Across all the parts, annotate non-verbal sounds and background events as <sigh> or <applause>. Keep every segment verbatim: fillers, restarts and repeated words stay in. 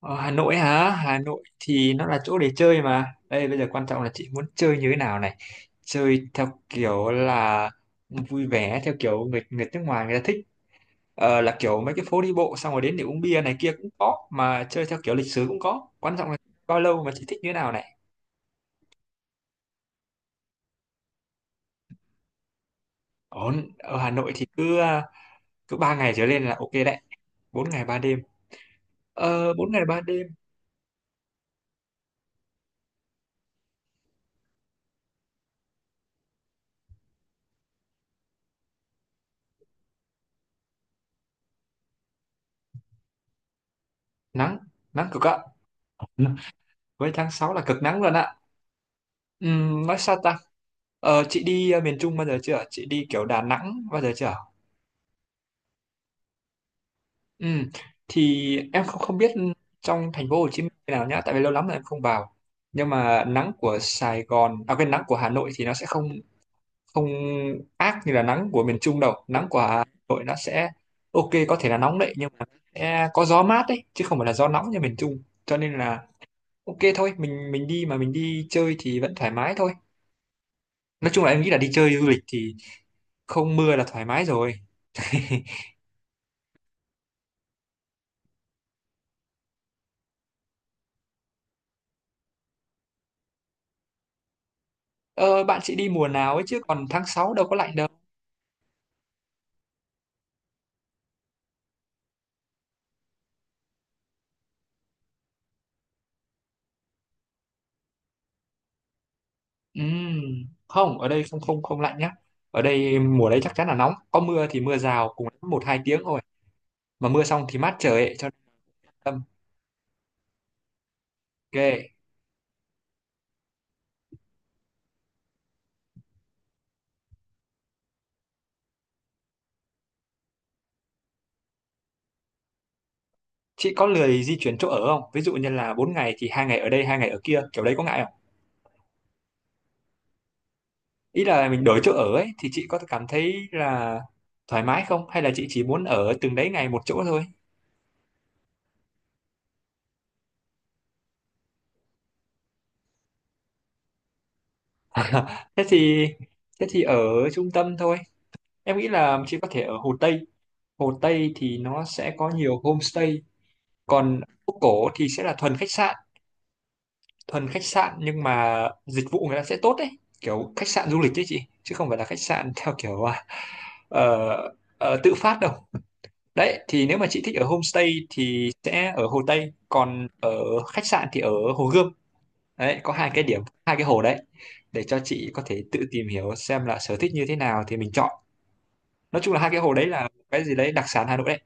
Ờ, Hà Nội hả? Hà Nội thì nó là chỗ để chơi mà. Đây bây giờ quan trọng là chị muốn chơi như thế nào này. Chơi theo kiểu là vui vẻ, theo kiểu người người nước ngoài người ta thích. Ờ, là kiểu mấy cái phố đi bộ xong rồi đến để uống bia này kia cũng có. Mà chơi theo kiểu lịch sử cũng có. Quan trọng là bao lâu mà chị thích như thế nào này. Ổn, ở Hà Nội thì cứ à, cứ ba ngày trở lên là ok đấy. Bốn ngày ba đêm. Ờ, bốn ngày ba đêm. Nắng, nắng cực ạ. Với tháng sáu là cực nắng luôn ạ. Ừm, nói sao ta? Ờ, chị đi ờ, miền Trung bao giờ chưa? Chị đi kiểu Đà Nẵng bao giờ chưa? Ừm, Thì em không không biết trong thành phố Hồ Chí Minh thế nào nhá, tại vì lâu lắm rồi em không vào. Nhưng mà nắng của Sài Gòn, à quên, nắng của Hà Nội thì nó sẽ không không ác như là nắng của miền Trung đâu. Nắng của Hà Nội nó sẽ ok, có thể là nóng đấy nhưng mà sẽ có gió mát đấy chứ không phải là gió nóng như miền Trung. Cho nên là ok thôi, mình mình đi mà mình đi chơi thì vẫn thoải mái thôi. Nói chung là em nghĩ là đi chơi du lịch thì không mưa là thoải mái rồi. <laughs> Ờ, bạn sẽ đi mùa nào ấy chứ còn tháng sáu đâu có lạnh đâu. Ừm, Không, ở đây không không không lạnh nhá. Ở đây mùa đấy chắc chắn là nóng. Có mưa thì mưa rào cùng lắm một hai tiếng thôi. Mà mưa xong thì mát trời ấy, cho nên tâm. Ok. Chị có lười di chuyển chỗ ở không? Ví dụ như là bốn ngày thì hai ngày ở đây, hai ngày ở kia, kiểu đấy có ngại không? Ý là mình đổi chỗ ở ấy thì chị có cảm thấy là thoải mái không? Hay là chị chỉ muốn ở từng đấy ngày một chỗ thôi? <laughs> Thế thì thế thì ở trung tâm thôi. Em nghĩ là chị có thể ở Hồ Tây. Hồ Tây thì nó sẽ có nhiều homestay, còn phố cổ thì sẽ là thuần khách sạn, thuần khách sạn nhưng mà dịch vụ người ta sẽ tốt đấy, kiểu khách sạn du lịch đấy chị, chứ không phải là khách sạn <laughs> theo kiểu à, ờ, ờ, tự phát đâu. Đấy, thì nếu mà chị thích ở homestay thì sẽ ở Hồ Tây, còn ở khách sạn thì ở Hồ Gươm. Đấy, có hai cái điểm, hai cái hồ đấy để cho chị có thể tự tìm hiểu xem là sở thích như thế nào thì mình chọn. Nói chung là hai cái hồ đấy là cái gì đấy đặc sản Hà Nội đấy.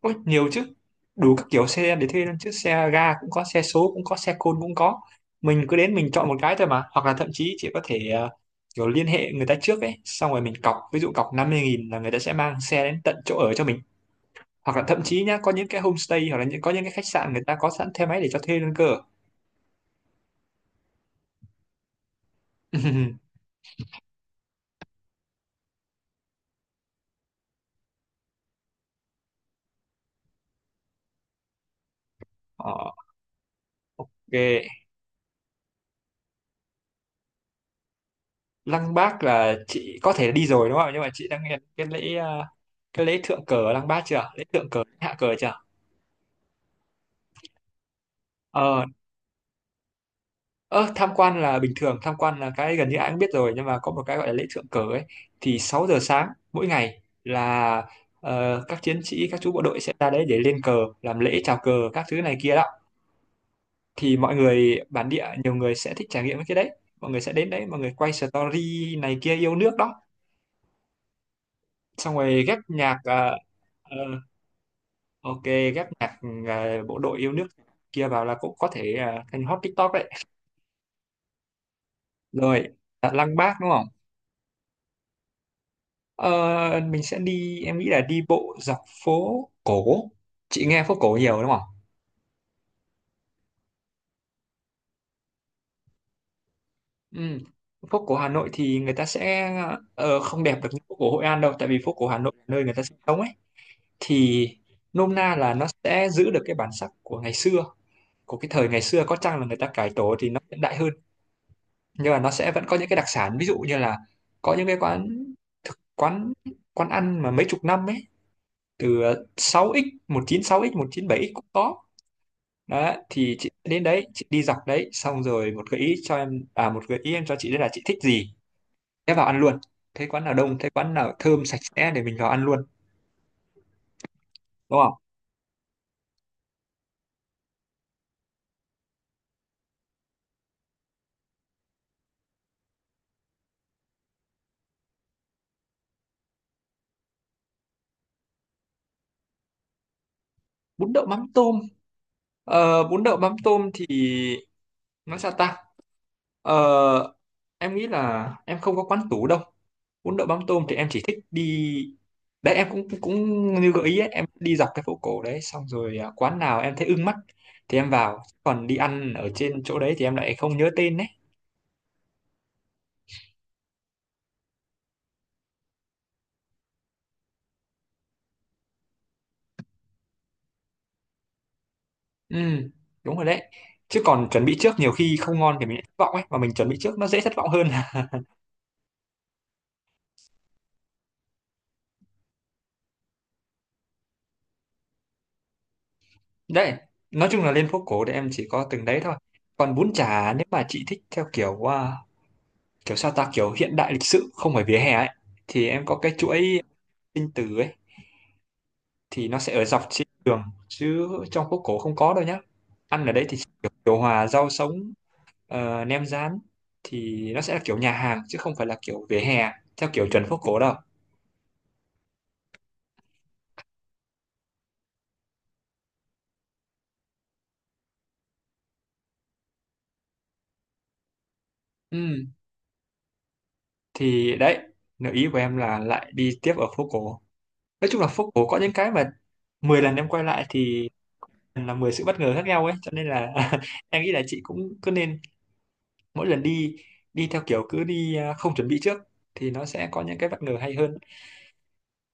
Ôi, nhiều chứ, đủ các kiểu xe để thuê luôn chứ, xe ga cũng có, xe số cũng có, xe côn cũng có, mình cứ đến mình chọn một cái thôi mà, hoặc là thậm chí chị có thể ờ, kiểu liên hệ người ta trước ấy, xong rồi mình cọc, ví dụ cọc năm mươi nghìn là người ta sẽ mang xe đến tận chỗ ở cho mình, hoặc là thậm chí nhá có những cái homestay hoặc là những có những cái khách sạn người ta có sẵn xe máy để cho thuê luôn cơ. <laughs> Ờ, ok. Lăng Bác là chị có thể đi rồi đúng không, nhưng mà chị đang nghe cái lễ ờ, cái lễ thượng cờ ở Lăng Bác chưa, lễ thượng cờ lễ hạ cờ chưa? ờ Ơ, tham quan là bình thường, tham quan là cái gần như ai cũng biết rồi, nhưng mà có một cái gọi là lễ thượng cờ ấy thì sáu giờ sáng mỗi ngày là ờ, các chiến sĩ, các chú bộ đội sẽ ra đấy để lên cờ, làm lễ chào cờ các thứ này kia đó. Thì mọi người bản địa nhiều người sẽ thích trải nghiệm cái đấy. Mọi người sẽ đến đấy, mọi người quay story này kia yêu nước đó. Xong rồi ghép nhạc ờ, ờ, ok, ghép nhạc ờ, bộ đội yêu nước kia vào là cũng có thể uh, thành hot TikTok đấy. Rồi, à, Lăng Bác đúng không? Ờ, mình sẽ đi, em nghĩ là đi bộ dọc phố cổ, chị nghe phố cổ nhiều đúng không? Ừ. Phố cổ Hà Nội thì người ta sẽ ờ, không đẹp được như phố cổ Hội An đâu, tại vì phố cổ Hà Nội là nơi người ta sinh sống ấy, thì nôm na là nó sẽ giữ được cái bản sắc của ngày xưa, của cái thời ngày xưa. Có chăng là người ta cải tổ thì nó hiện đại hơn, nhưng mà nó sẽ vẫn có những cái đặc sản, ví dụ như là có những cái quán, thực quán quán ăn mà mấy chục năm ấy, từ sáu x, một chín sáu x, một chín bảy x cũng có. Đó thì chị đến đấy, chị đi dọc đấy, xong rồi một gợi ý cho em, à một gợi ý em cho chị đấy là chị thích gì thế vào ăn luôn, thế quán nào đông, thế quán nào thơm sạch sẽ để mình vào ăn luôn, đúng không? Bún đậu mắm tôm. Ờ, bún đậu mắm tôm thì nói sao ta, ờ, em nghĩ là em không có quán tủ đâu. Bún đậu mắm tôm thì em chỉ thích đi đấy, em cũng cũng như gợi ý ấy, em đi dọc cái phố cổ đấy, xong rồi à, quán nào em thấy ưng mắt thì em vào, còn đi ăn ở trên chỗ đấy thì em lại không nhớ tên đấy. Ừ, đúng rồi đấy, chứ còn chuẩn bị trước nhiều khi không ngon thì mình lại thất vọng ấy, mà mình chuẩn bị trước nó dễ thất vọng hơn. <laughs> Đấy, nói chung là lên phố cổ thì em chỉ có từng đấy thôi. Còn bún chả nếu mà chị thích theo kiểu à, kiểu sao ta, kiểu hiện đại lịch sự không phải vỉa hè ấy, thì em có cái chuỗi sinh tử ấy, thì nó sẽ ở dọc trên đường chứ trong phố cổ không có đâu nhá. Ăn ở đấy thì kiểu điều hòa, rau sống, ờ, nem rán thì nó sẽ là kiểu nhà hàng chứ không phải là kiểu vỉa hè theo kiểu chuẩn phố cổ đâu. Ừ, thì đấy, nếu ý của em là lại đi tiếp ở phố cổ. Nói chung là phố cổ có những cái mà mười lần em quay lại thì là mười sự bất ngờ khác nhau ấy, cho nên là <laughs> em nghĩ là chị cũng cứ nên mỗi lần đi, đi theo kiểu cứ đi à, không chuẩn bị trước thì nó sẽ có những cái bất ngờ hay hơn.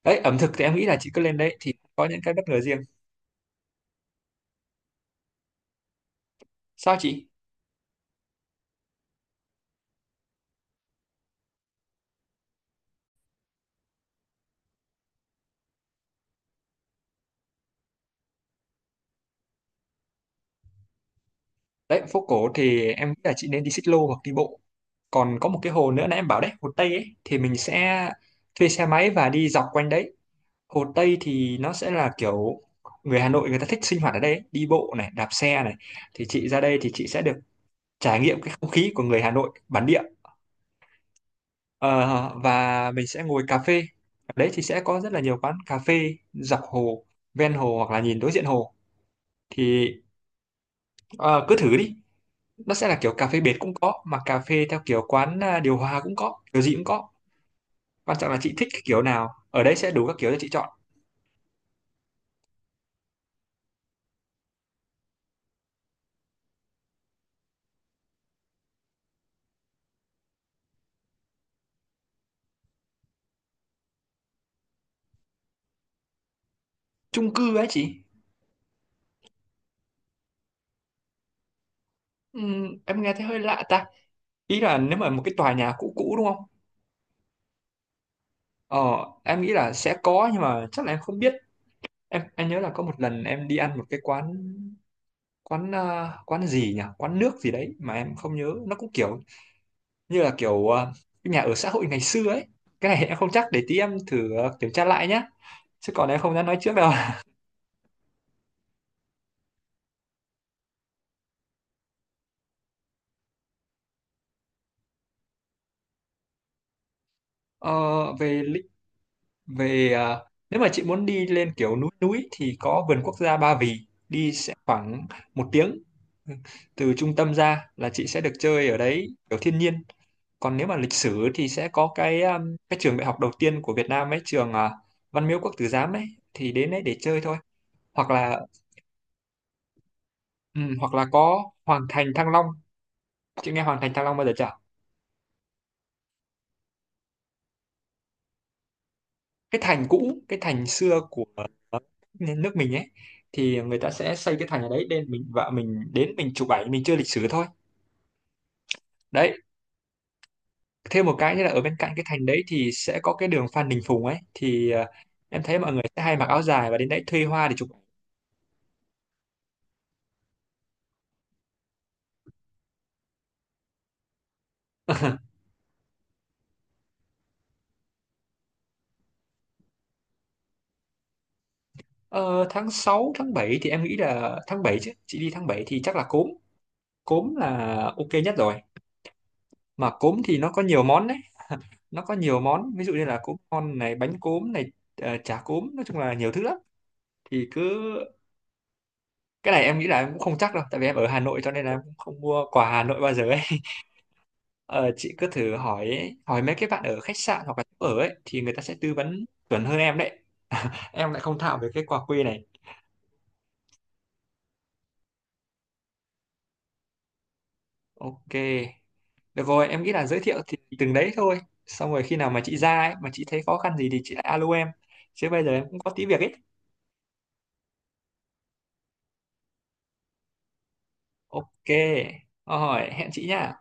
Đấy, ẩm thực thì em nghĩ là chị cứ lên đấy thì có những cái bất ngờ riêng. Sao chị? Đấy, phố cổ thì em nghĩ là chị nên đi xích lô hoặc đi bộ. Còn có một cái hồ nữa nãy em bảo đấy, hồ Tây ấy, thì mình sẽ thuê xe máy và đi dọc quanh đấy. Hồ Tây thì nó sẽ là kiểu người Hà Nội người ta thích sinh hoạt ở đây ấy, đi bộ này, đạp xe này. Thì chị ra đây thì chị sẽ được trải nghiệm cái không khí của người Hà Nội bản địa. Ờ, và mình sẽ ngồi cà phê. Ở đấy thì sẽ có rất là nhiều quán cà phê dọc hồ, ven hồ hoặc là nhìn đối diện hồ. Thì ờ, cứ thử đi. Nó sẽ là kiểu cà phê bệt cũng có, mà cà phê theo kiểu quán à, điều hòa cũng có, kiểu gì cũng có. Quan trọng là chị thích cái kiểu nào. Ở đấy sẽ đủ các kiểu cho chị chọn. Chung cư ấy chị. Ừm, em nghe thấy hơi lạ ta. Ý là nếu mà một cái tòa nhà cũ cũ đúng không? Ờ, em nghĩ là sẽ có nhưng mà chắc là em không biết. Em em nhớ là có một lần em đi ăn một cái quán, quán à, quán gì nhỉ, quán nước gì đấy mà em không nhớ, nó cũng kiểu như là kiểu à, cái nhà ở xã hội ngày xưa ấy. Cái này em không chắc, để tí em thử à, kiểm tra lại nhá chứ còn em không dám nói trước đâu. <laughs> Ờ, về lịch về à, nếu mà chị muốn đi lên kiểu núi núi thì có vườn quốc gia Ba Vì, đi sẽ khoảng một tiếng từ trung tâm ra là chị sẽ được chơi ở đấy kiểu thiên nhiên. Còn nếu mà lịch sử thì sẽ có cái um, cái trường đại học đầu tiên của Việt Nam ấy, trường à, Văn Miếu Quốc Tử Giám ấy, thì đến đấy để chơi thôi. Hoặc là ừm, hoặc là có Hoàng Thành Thăng Long. Chị nghe Hoàng Thành Thăng Long bao giờ chưa? Cái thành cũ, cái thành xưa của ờ, nước mình ấy, thì người ta sẽ xây cái thành ở đấy nên mình vợ mình đến mình chụp ảnh mình chưa lịch sử thôi. Đấy, thêm một cái nữa là ở bên cạnh cái thành đấy thì sẽ có cái đường Phan Đình Phùng ấy, thì ờ, em thấy mọi người sẽ hay mặc áo dài và đến đấy thuê hoa để chụp ảnh. <laughs> ờ, tháng sáu tháng bảy thì em nghĩ là tháng bảy chứ, chị đi tháng bảy thì chắc là cốm, cốm là ok nhất rồi, mà cốm thì nó có nhiều món đấy. Nó có nhiều món, ví dụ như là cốm con này, bánh cốm này, ờ, chả cốm, nói chung là nhiều thứ lắm. Thì cứ, cái này em nghĩ là em cũng không chắc đâu, tại vì em ở Hà Nội cho nên là em cũng không mua quà Hà Nội bao giờ ấy. <laughs> Ờ, chị cứ thử hỏi hỏi mấy cái bạn ở khách sạn hoặc là chỗ ở ấy thì người ta sẽ tư vấn chuẩn hơn em đấy. Em lại không thạo về cái quà quê này. Ok, được rồi, em nghĩ là giới thiệu thì từng đấy thôi, xong rồi khi nào mà chị ra ấy mà chị thấy khó khăn gì thì chị lại alo em, chứ bây giờ em cũng có tí việc ấy. Ok, rồi hẹn chị nha.